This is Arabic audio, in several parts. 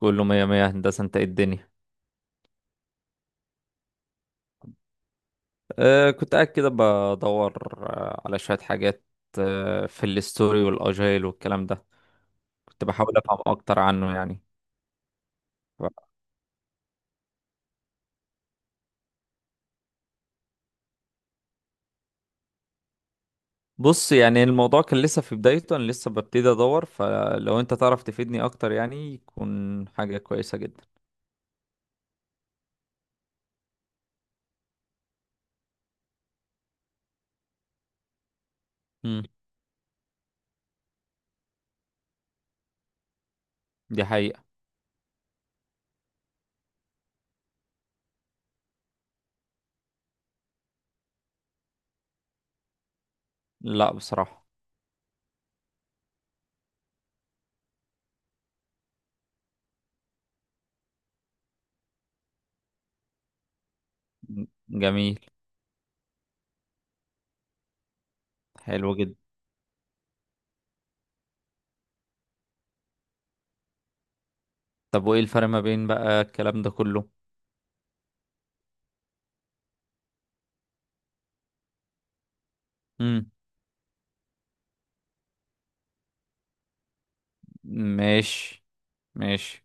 كله مية مية هندسة. انت ايه الدنيا؟ كنت قاعد كده بدور على شوية حاجات، في الستوري والاجايل والكلام ده. كنت بحاول افهم اكتر عنه يعني. ف- بص، يعني الموضوع كان لسه في بدايته، انا لسه ببتدي ادور، فلو انت تعرف تفيدني اكتر يعني يكون حاجة كويسة جدا. مم. دي حقيقة. لا، بصراحة. جميل. حلو جدا. طب وايه الفرق ما بين بقى الكلام ده كله؟ مم. ماشي، ماشي.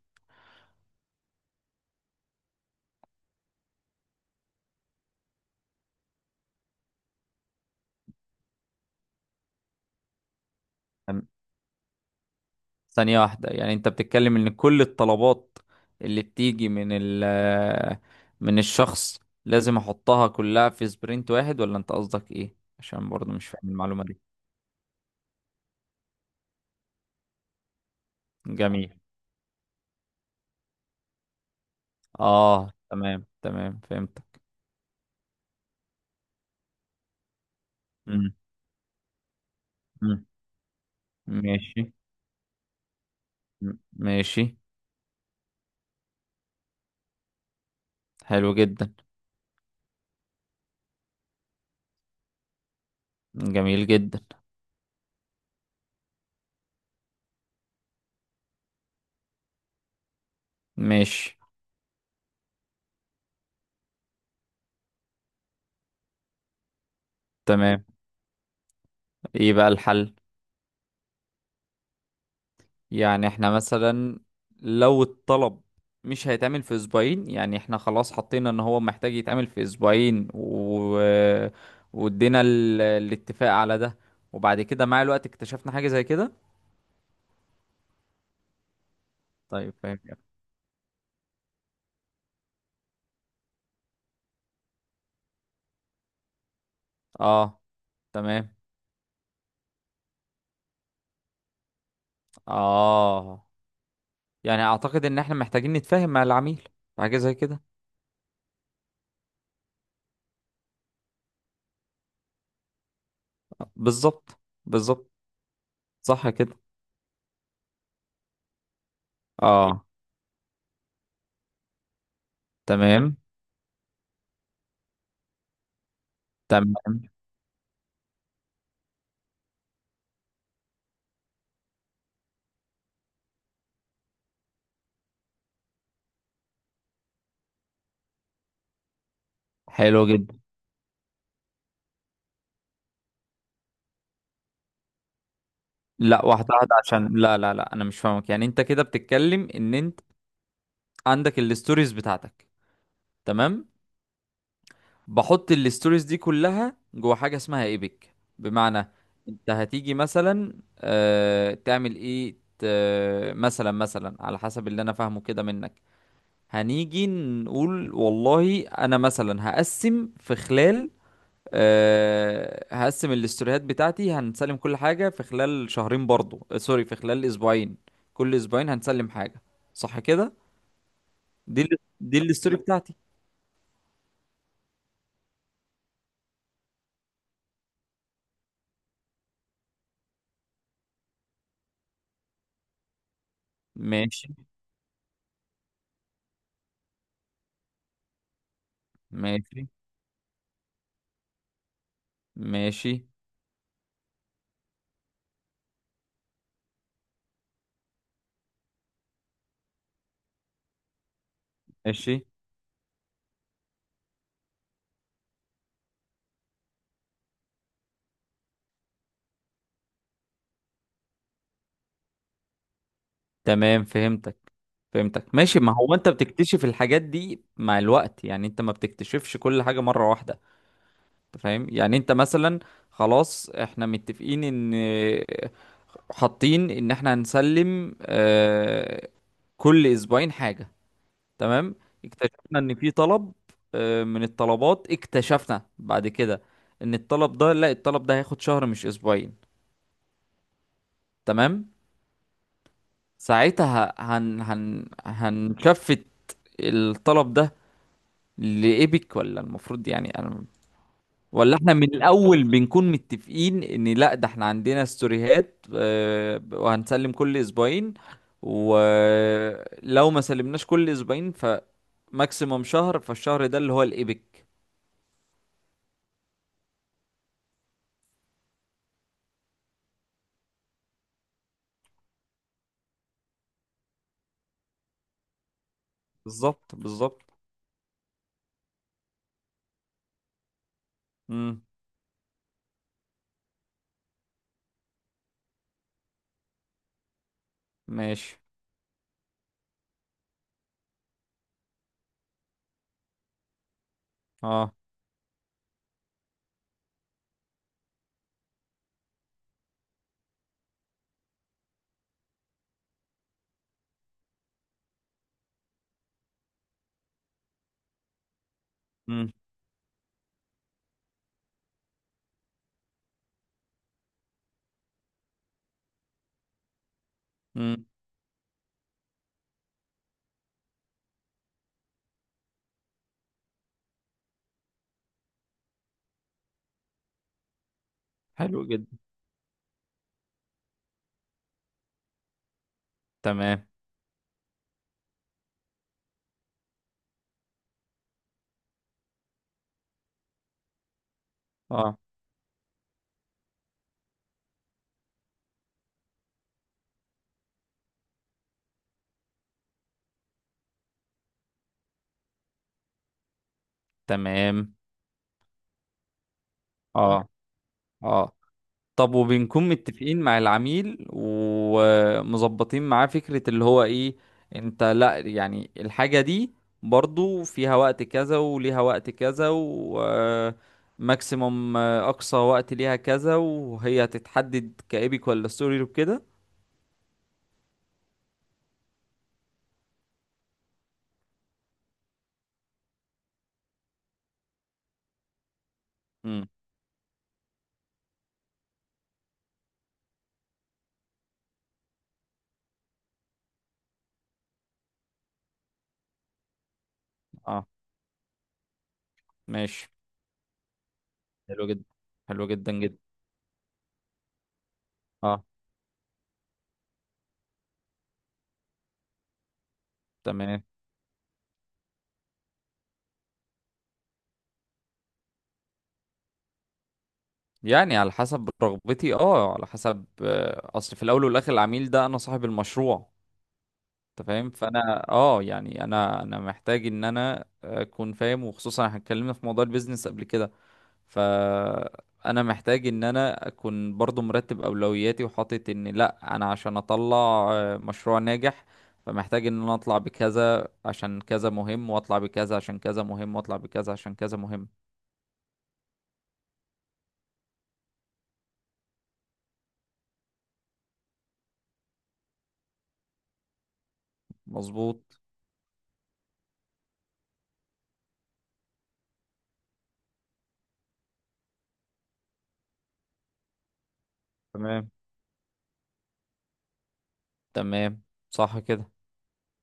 ثانية واحدة، يعني انت بتتكلم ان كل الطلبات اللي بتيجي من من الشخص لازم احطها كلها في سبرنت واحد، ولا انت قصدك ايه؟ عشان برضو مش فاهم المعلومة دي. جميل. اه، تمام تمام، فهمتك. مم. مم. ماشي. مم. ماشي. حلو جدا. جميل جدا. ماشي. تمام. ايه بقى الحل؟ يعني احنا مثلا لو الطلب مش هيتعمل في اسبوعين، يعني احنا خلاص حطينا ان هو محتاج يتعمل في اسبوعين وادينا الاتفاق على ده، وبعد كده مع الوقت اكتشفنا حاجة زي كده. طيب، فاهم يعني. اه، تمام. اه، يعني اعتقد ان احنا محتاجين نتفاهم مع العميل في حاجة زي كده. بالظبط بالظبط. صح كده. اه، تمام تمام. حلو جدا. لا، واحدة واحدة، عشان لا لا لا، انا مش فاهمك. يعني انت كده بتتكلم ان انت عندك الستوريز بتاعتك، تمام؟ بحط الستوريز دي كلها جوه حاجة اسمها ايبك، بمعنى انت هتيجي مثلا، تعمل ايه؟ مثلا على حسب اللي انا فاهمه كده منك، هنيجي نقول والله انا مثلا هقسم في خلال، هقسم الاستوريهات بتاعتي، هنسلم كل حاجة في خلال شهرين برضو، سوري، في خلال اسبوعين، كل اسبوعين هنسلم حاجة، صح كده؟ دي ال... دي الاستوري بتاعتي. ماشي، ماشي، ماشي، ماشي. تمام، فهمتك فهمتك، ماشي. ما هو انت بتكتشف الحاجات دي مع الوقت، يعني انت ما بتكتشفش كل حاجة مرة واحدة. انت فاهم؟ يعني انت مثلا خلاص احنا متفقين ان، حاطين ان احنا هنسلم، كل اسبوعين حاجة، تمام، اكتشفنا ان في طلب، من الطلبات اكتشفنا بعد كده ان الطلب ده، لا، الطلب ده هياخد شهر مش اسبوعين، تمام، ساعتها هن هن هنشفت الطلب ده لإيبك، ولا المفروض؟ يعني انا، ولا احنا من الاول بنكون متفقين ان لا، ده احنا عندنا ستوريهات، وهنسلم كل اسبوعين، ولو ما سلمناش كل اسبوعين فماكسيموم شهر، فالشهر ده اللي هو الايبك. بالظبط بالظبط. امم. ماشي. اه. امم. امم. حلو جدا. تمام. اه، تمام. اه. اه. طب، وبنكون متفقين مع العميل ومظبطين معاه فكرة اللي هو، ايه انت؟ لا، يعني الحاجة دي برضو فيها وقت كذا، وليها وقت كذا، وماكسيموم اقصى وقت ليها كذا، وهي هتتحدد كايبك ولا ستوري وكده. امم. اه. ماشي. حلو جدا. حلو جدا جدا. اه، تمام، يعني على حسب رغبتي، اه، على حسب، اصل في الاول والاخر العميل ده انا صاحب المشروع، انت فاهم؟ فانا اه، يعني انا محتاج ان انا اكون فاهم، وخصوصا احنا اتكلمنا في موضوع البيزنس قبل كده، فانا محتاج ان انا اكون برضو مرتب اولوياتي وحاطط ان لا، انا عشان اطلع مشروع ناجح، فمحتاج ان انا اطلع بكذا عشان كذا مهم، واطلع بكذا عشان كذا مهم، واطلع بكذا عشان كذا مهم. مظبوط. تمام تمام. صح كده.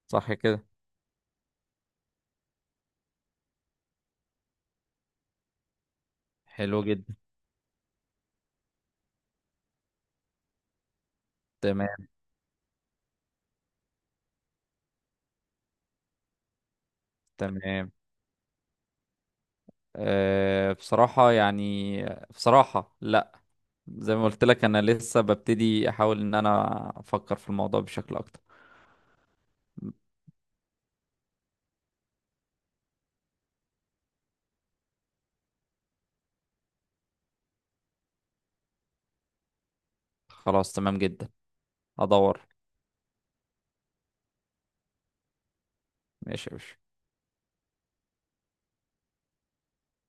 صح كده. حلو جدا. تمام تمام. أه، بصراحة يعني، بصراحة لا، زي ما قلت لك انا لسه ببتدي احاول ان انا افكر في الموضوع بشكل اكتر. خلاص، تمام جدا. ادور. ماشي يا باشا.